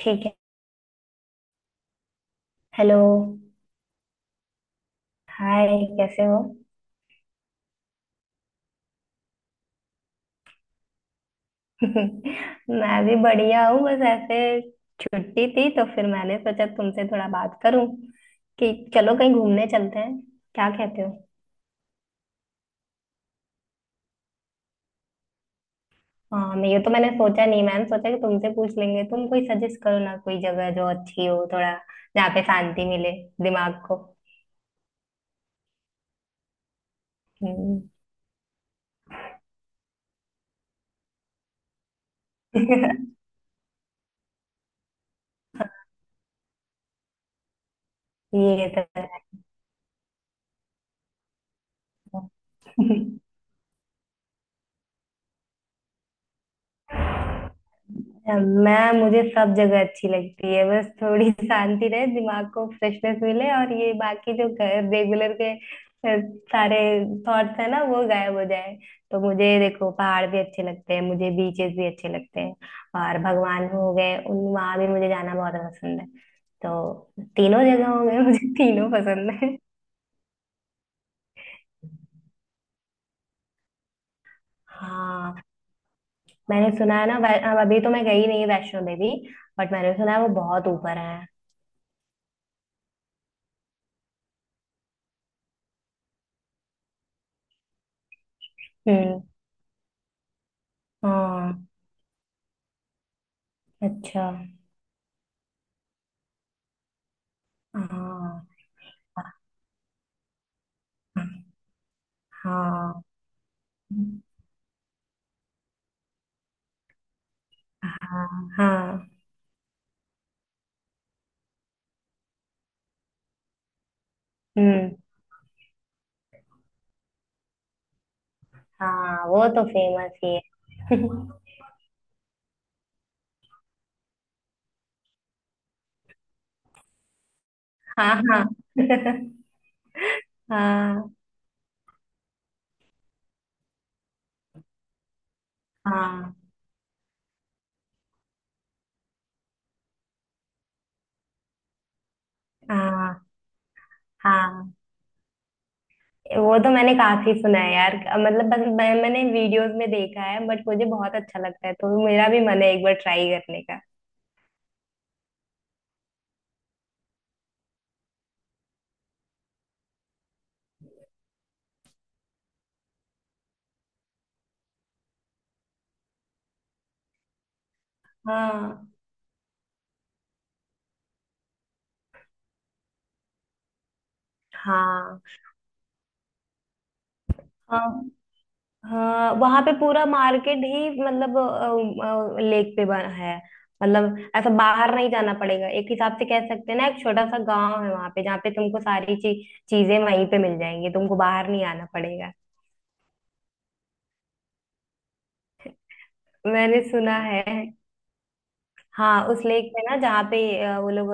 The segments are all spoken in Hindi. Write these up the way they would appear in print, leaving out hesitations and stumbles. ठीक है। हेलो। हाय। कैसे हो? मैं भी बढ़िया हूँ। बस ऐसे छुट्टी थी, तो फिर मैंने सोचा तुमसे थोड़ा बात करूं कि चलो कहीं घूमने चलते हैं। क्या कहते हो? हाँ, मैं, ये तो मैंने सोचा नहीं। मैंने सोचा कि तुमसे पूछ लेंगे। तुम कोई सजेस्ट करो ना, कोई जगह जो अच्छी हो, थोड़ा जहाँ पे शांति मिले दिमाग को। हम्म। ये तो है। मैं, मुझे सब जगह अच्छी लगती है। बस थोड़ी शांति रहे, दिमाग को फ्रेशनेस मिले, और ये बाकी जो रेगुलर के सारे थॉट्स है ना, वो गायब हो जाए। तो मुझे देखो, पहाड़ भी अच्छे लगते हैं, मुझे बीचेस भी अच्छे लगते हैं, और भगवान हो गए उन, वहां भी मुझे जाना बहुत पसंद है। तो तीनों जगह हो गए मुझे। तीनों पसंद है। हाँ, मैंने सुना है ना। अब अभी तो मैं गई नहीं वैष्णो देवी, बट मैंने सुना है वो बहुत ऊपर है। हम्म। हाँ। अच्छा। हाँ हाँ। हाँ हाँ। हम्म। हाँ, वो तो फेमस ही है। हाँ हाँ। हाँ हाँ। हाँ हाँ, वो तो मैंने काफी सुना है यार। मतलब बस मैंने वीडियोस में देखा है, बट मुझे बहुत अच्छा लगता है, तो मेरा भी मन है एक बार ट्राई करने का। हाँ हाँ। हाँ। हाँ, वहां पे पूरा मार्केट ही, मतलब लेक पे बना है। मतलब ऐसा बाहर नहीं जाना पड़ेगा। एक हिसाब से कह सकते हैं ना, एक छोटा सा गांव है वहां पे जहाँ पे तुमको सारी चीजें वहीं पे मिल जाएंगी, तुमको बाहर नहीं आना पड़ेगा। मैंने सुना है। हाँ, उस लेक पे ना, जहाँ पे वो लोग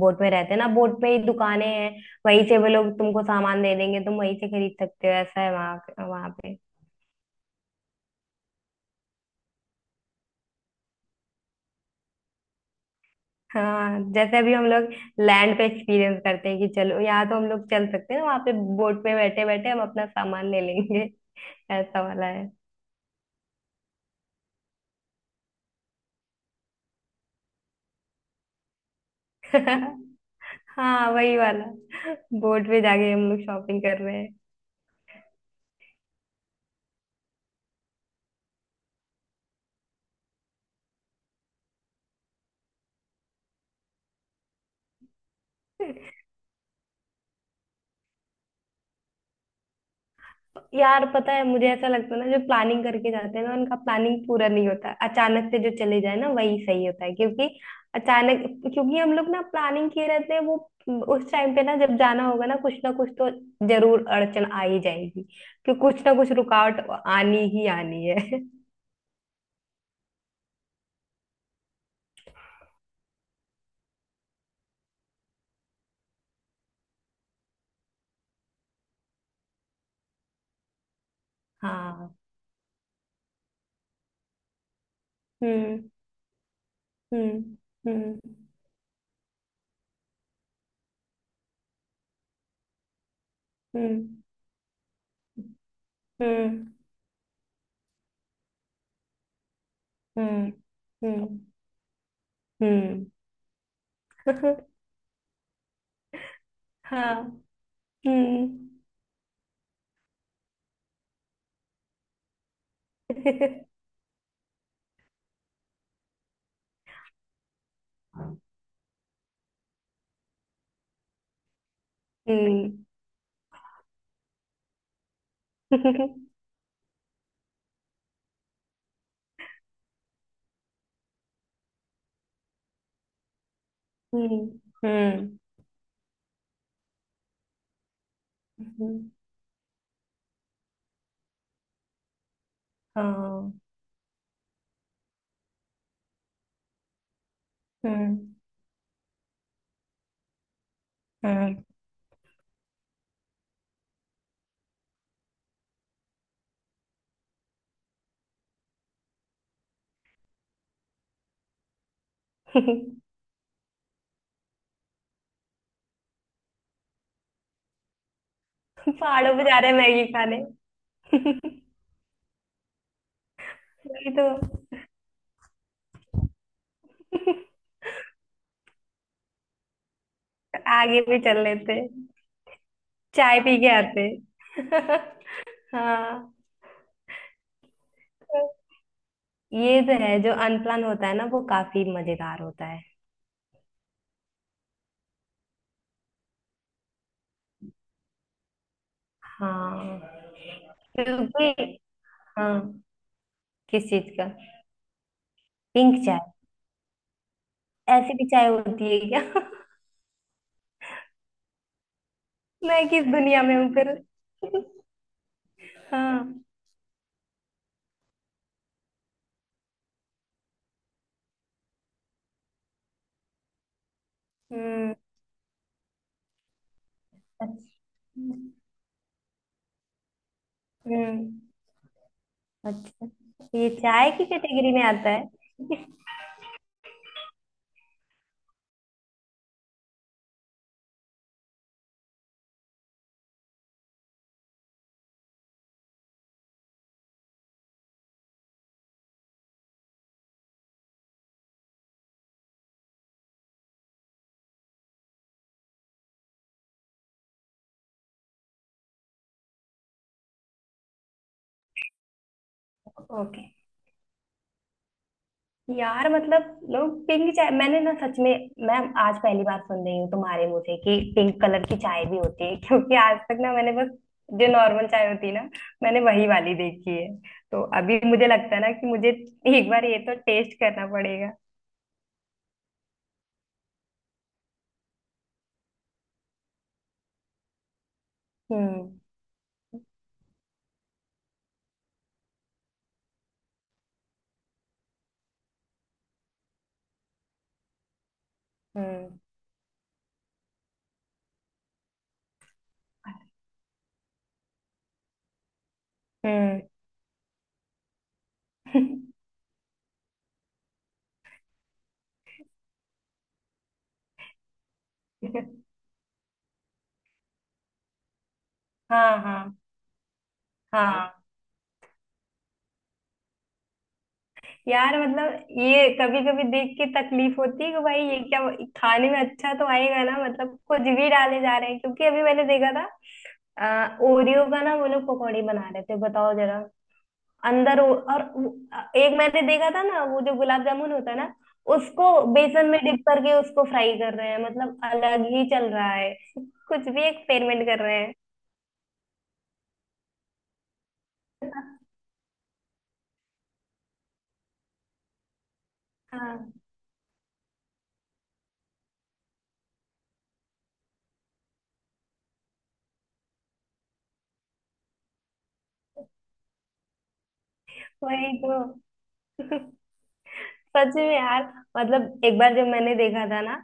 बोट में रहते हैं ना, बोट पे ही दुकानें हैं, वहीं से वो लोग तुमको सामान दे देंगे, तुम वहीं से खरीद सकते हो। ऐसा है वहां वहां पे। हाँ, जैसे अभी हम लोग लैंड पे एक्सपीरियंस करते हैं कि चलो यहाँ तो हम लोग चल सकते हैं ना, वहां पे बोट पे बैठे बैठे हम अपना सामान ले लेंगे। ऐसा वाला है। हाँ, वही वाला। बोट पे जाके हम लोग शॉपिंग कर रहे हैं। यार, पता है मुझे ऐसा लगता है ना, जो प्लानिंग करके जाते हैं ना, उनका प्लानिंग पूरा नहीं होता। अचानक से जो चले जाए ना, वही सही होता है। क्योंकि अचानक, क्योंकि हम लोग ना प्लानिंग किए रहते हैं, वो उस टाइम पे ना जब जाना होगा ना, कुछ ना कुछ तो जरूर अड़चन आ ही जाएगी, कि कुछ ना कुछ रुकावट आनी ही आनी है। हाँ। हम्म। हम्म। हम्म। हम्म। हम्म। हम्म। हम्म। हम्म। हाँ। हम्म। हम्म। हम्म। हम्म। हम्म। हाँ। हम्म। हाँ। पहाड़ों पे जा, हाँ, रहे हैं मैगी खाने। वही तो। आगे भी चल लेते। चाय पी के आते। हाँ, ये तो है, जो अनप्लान होता है ना, वो काफी मजेदार होता है। हाँ। क्योंकि, हाँ, किस चीज का? पिंक चाय? ऐसी भी चाय होती है क्या? मैं किस दुनिया में हूँ फिर। हाँ। हम्म। अच्छा। हम्म। अच्छा, ये चाय की कैटेगरी में आता है? ओके। यार मतलब लोग, पिंक चाय मैंने ना सच में, मैं आज पहली बार सुन रही हूँ तुम्हारे मुंह से, कि पिंक कलर की चाय भी होती है। क्योंकि आज तक ना मैंने बस जो नॉर्मल चाय होती है ना, मैंने वही वाली देखी है। तो अभी मुझे लगता है ना कि मुझे एक बार ये तो टेस्ट करना पड़ेगा। हम्म। हम्म। हम्म। हाँ। हाँ। हाँ यार, मतलब ये कभी कभी देख के तकलीफ होती है कि भाई ये क्या, खाने में अच्छा तो आएगा ना, मतलब कुछ भी डाले जा रहे हैं। क्योंकि अभी मैंने देखा था, ओरियो का ना वो लोग पकौड़ी बना रहे थे, बताओ जरा। अंदर और एक मैंने देखा था ना, वो जो गुलाब जामुन होता है ना, उसको बेसन में डिप करके उसको फ्राई कर रहे हैं। मतलब अलग ही चल रहा है। कुछ भी एक्सपेरिमेंट कर रहे हैं। हाँ, वही तो। सच में यार। मतलब एक बार जब मैंने देखा था ना,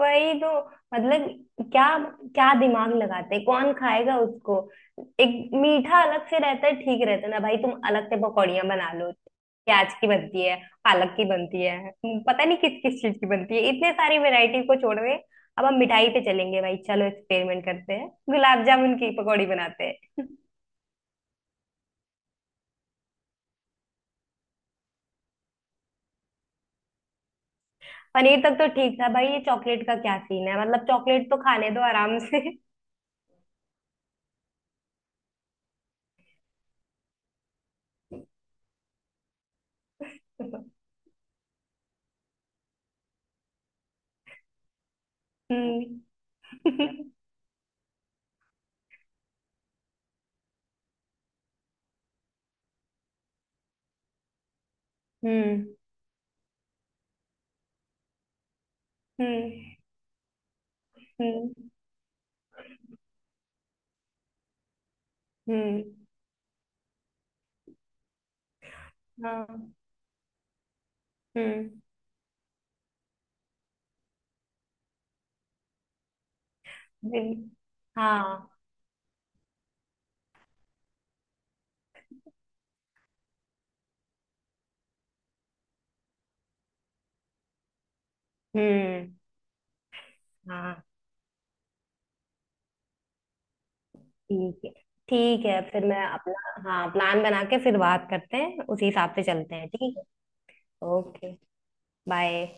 वही तो, मतलब क्या, क्या दिमाग लगाते हैं, कौन खाएगा उसको। एक मीठा अलग से रहता है, ठीक रहता है ना भाई, तुम अलग से पकौड़ियाँ बना लो। प्याज की बनती है, पालक की बनती है, पता नहीं किस किस चीज की बनती है, इतने सारी वैरायटी को छोड़ में अब हम मिठाई पे चलेंगे। भाई चलो, एक्सपेरिमेंट करते हैं, गुलाब जामुन की पकौड़ी बनाते हैं। पनीर तक तो ठीक था भाई, ये चॉकलेट का क्या सीन है? मतलब चॉकलेट तो खाने दो आराम से। हम्म। हम्म। हम्म। हम्म। हम्म। हाँ। हम्म। नहीं, हाँ। हम्म। हाँ। ठीक है। ठीक है, फिर मैं अपना, हाँ, प्लान बना के फिर बात करते हैं, उसी हिसाब से चलते हैं, ठीक है। ओके। बाय।